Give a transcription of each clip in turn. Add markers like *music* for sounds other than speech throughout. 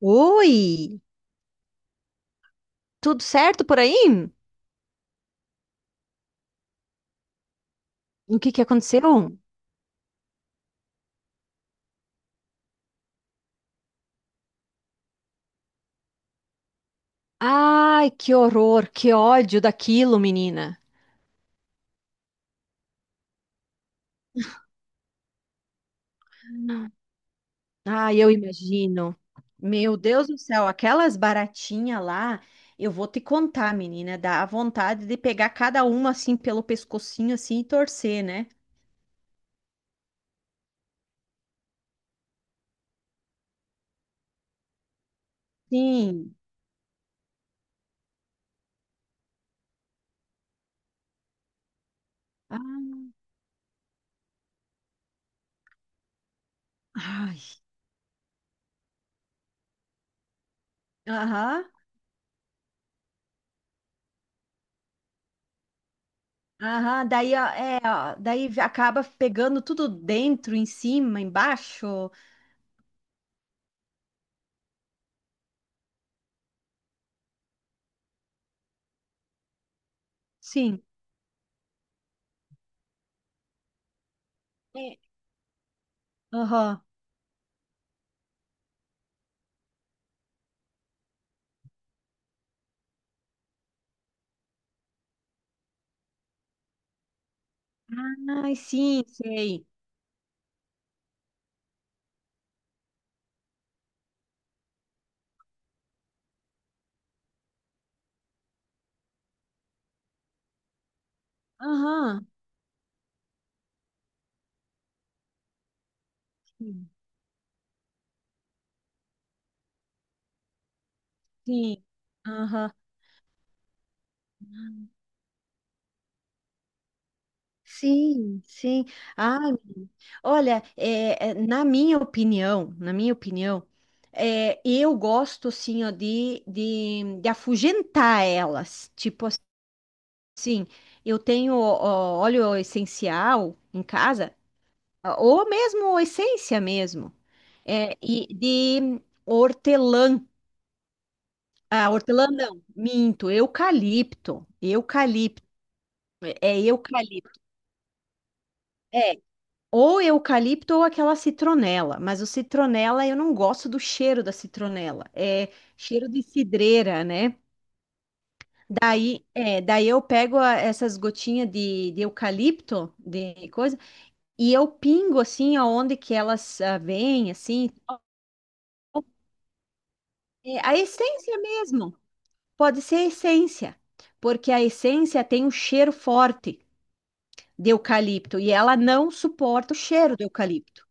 Oi, tudo certo por aí? O que que aconteceu? Ai, que horror, que ódio daquilo, menina. Ai, eu imagino. Meu Deus do céu, aquelas baratinhas lá, eu vou te contar, menina, dá a vontade de pegar cada uma assim pelo pescocinho assim e torcer, né? Sim. Ah, ai, aham, aham, daí, ó, daí acaba pegando tudo dentro, em cima, embaixo. Sim. É. Aham. Ai, sim, sei. Aham, sim, sim. Aham. Sim, sim. Ai, menina. Olha, na minha opinião, eu gosto assim, ó, de afugentar elas. Tipo assim, eu tenho ó, óleo essencial em casa, ou mesmo essência mesmo, e de hortelã. Ah, hortelã não, minto, eucalipto, é eucalipto, é, ou eucalipto ou aquela citronela, mas o citronela eu não gosto do cheiro da citronela, é cheiro de cidreira, né? Daí, é, daí eu pego essas gotinhas de eucalipto, de coisa, e eu pingo assim aonde que elas vêm, assim. É, a essência mesmo, pode ser a essência, porque a essência tem um cheiro forte de eucalipto e ela não suporta o cheiro do eucalipto.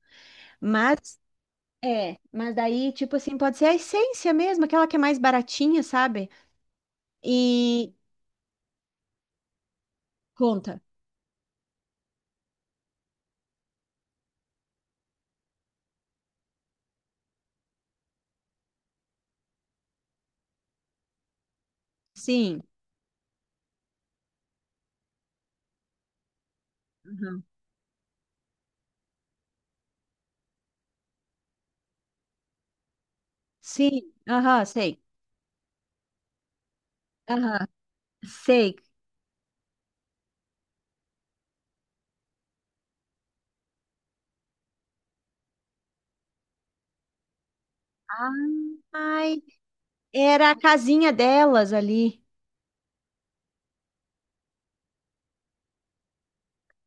Mas é, mas daí, tipo assim, pode ser a essência mesmo, aquela que é mais baratinha, sabe? E conta. Sim. Aham. Sim. Aham, sei. Aham, sei. Ai, era a casinha delas ali.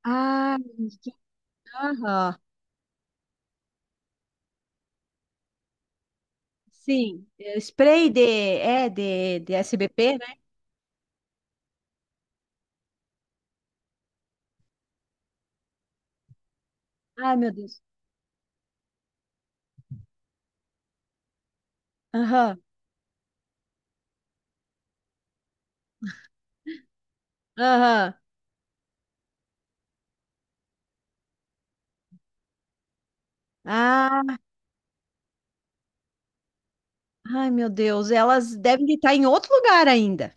Ah, que- aham. Sim, é, spray de SBP, né? Ai, meu Deus. Aham, aham. Ah, ai, meu Deus, elas devem estar em outro lugar ainda.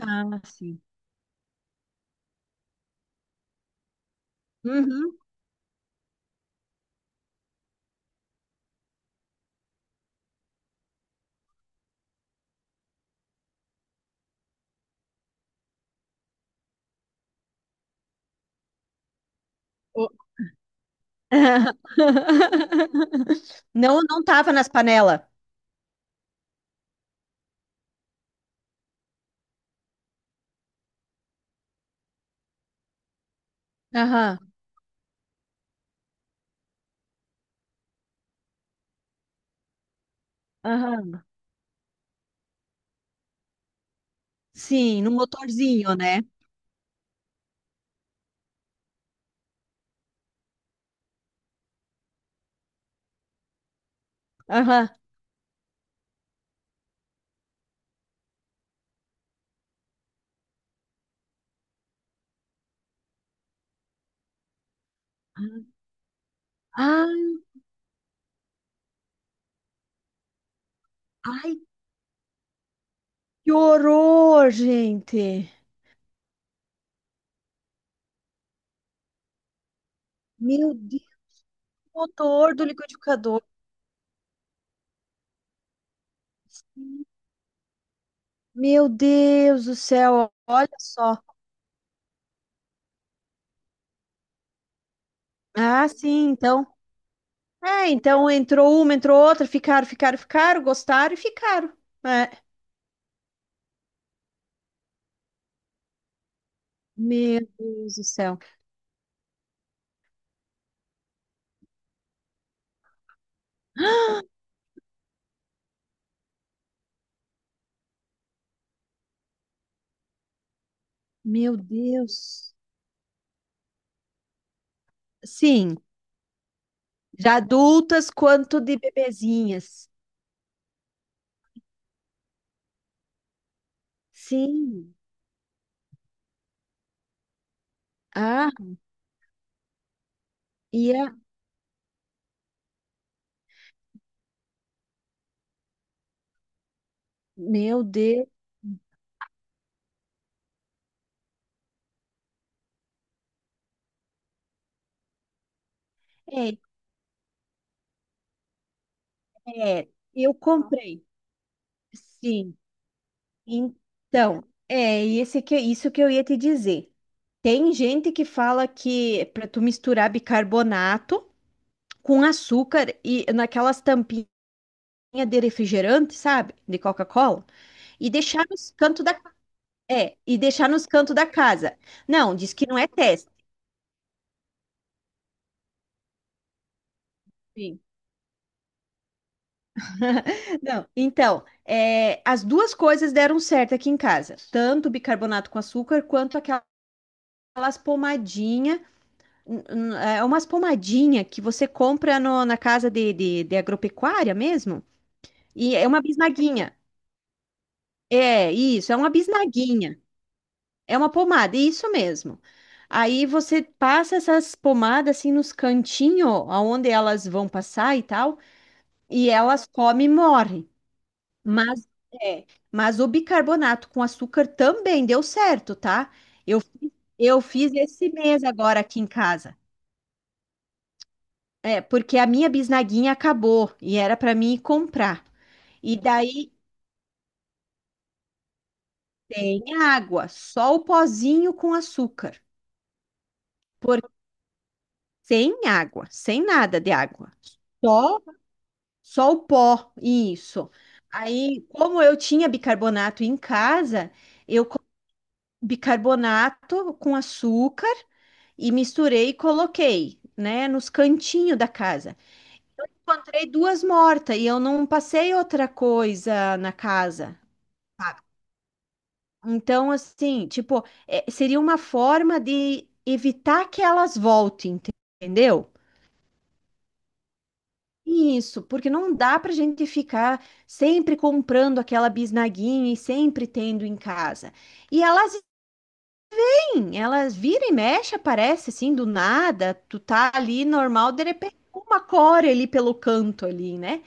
Ah, sim. Uhum. O- *laughs* Não, não tava nas panelas. Aham, aham. Sim, no motorzinho, né? Aham. Ah, ai, que horror, gente. Meu Deus, motor do liquidificador. Meu Deus do céu, olha só. Ah, sim, então. É, então entrou uma, entrou outra, ficaram, ficaram, ficaram, gostaram e ficaram, né? Meu Deus do céu. Meu Deus. Sim, já adultas quanto de bebezinhas. Sim. Ah, e a... Meu Deus. É, é, eu comprei. Sim. Então, é esse que, isso que eu ia te dizer. Tem gente que fala que para tu misturar bicarbonato com açúcar e naquelas tampinhas de refrigerante, sabe? De Coca-Cola, e deixar nos cantos da... É, e deixar nos cantos da casa. Não, diz que não é teste. Sim. *laughs* Não, então, é, as duas coisas deram certo aqui em casa, tanto o bicarbonato com açúcar quanto aquelas pomadinhas, é umas pomadinhas que você compra na casa de agropecuária mesmo, e é uma bisnaguinha. É isso, é uma bisnaguinha, é uma pomada, isso mesmo. Aí você passa essas pomadas assim nos cantinhos, aonde elas vão passar e tal. E elas comem e morrem. Mas, é, mas o bicarbonato com açúcar também deu certo, tá? Eu, eu fiz esse mês agora aqui em casa. É, porque a minha bisnaguinha acabou e era para mim ir comprar. E daí tem água, só o pozinho com açúcar. Por, sem água, sem nada de água. Só, só o pó, isso. Aí, como eu tinha bicarbonato em casa, eu bicarbonato com açúcar e misturei e coloquei, né, nos cantinhos da casa. Encontrei duas mortas e eu não passei outra coisa na casa, sabe? Então, assim, tipo, é, seria uma forma de evitar que elas voltem, entendeu? Isso, porque não dá pra gente ficar sempre comprando aquela bisnaguinha e sempre tendo em casa. E elas... Sim, elas vira e mexe, aparece assim do nada, tu tá ali normal, de repente uma cora ali pelo canto ali, né?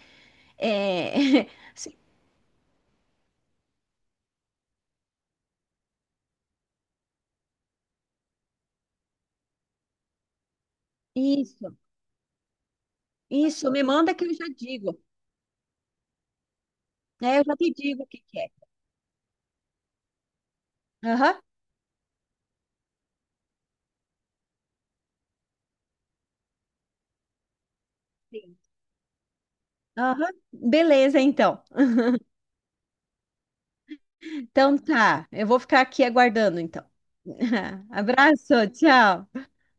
É, *laughs* sim, isso, isso, me manda que eu já digo, né? Eu já te digo o que que é. Aham, sim, aham, beleza então. Então tá, eu vou ficar aqui aguardando então. *laughs* Abraço, tchau.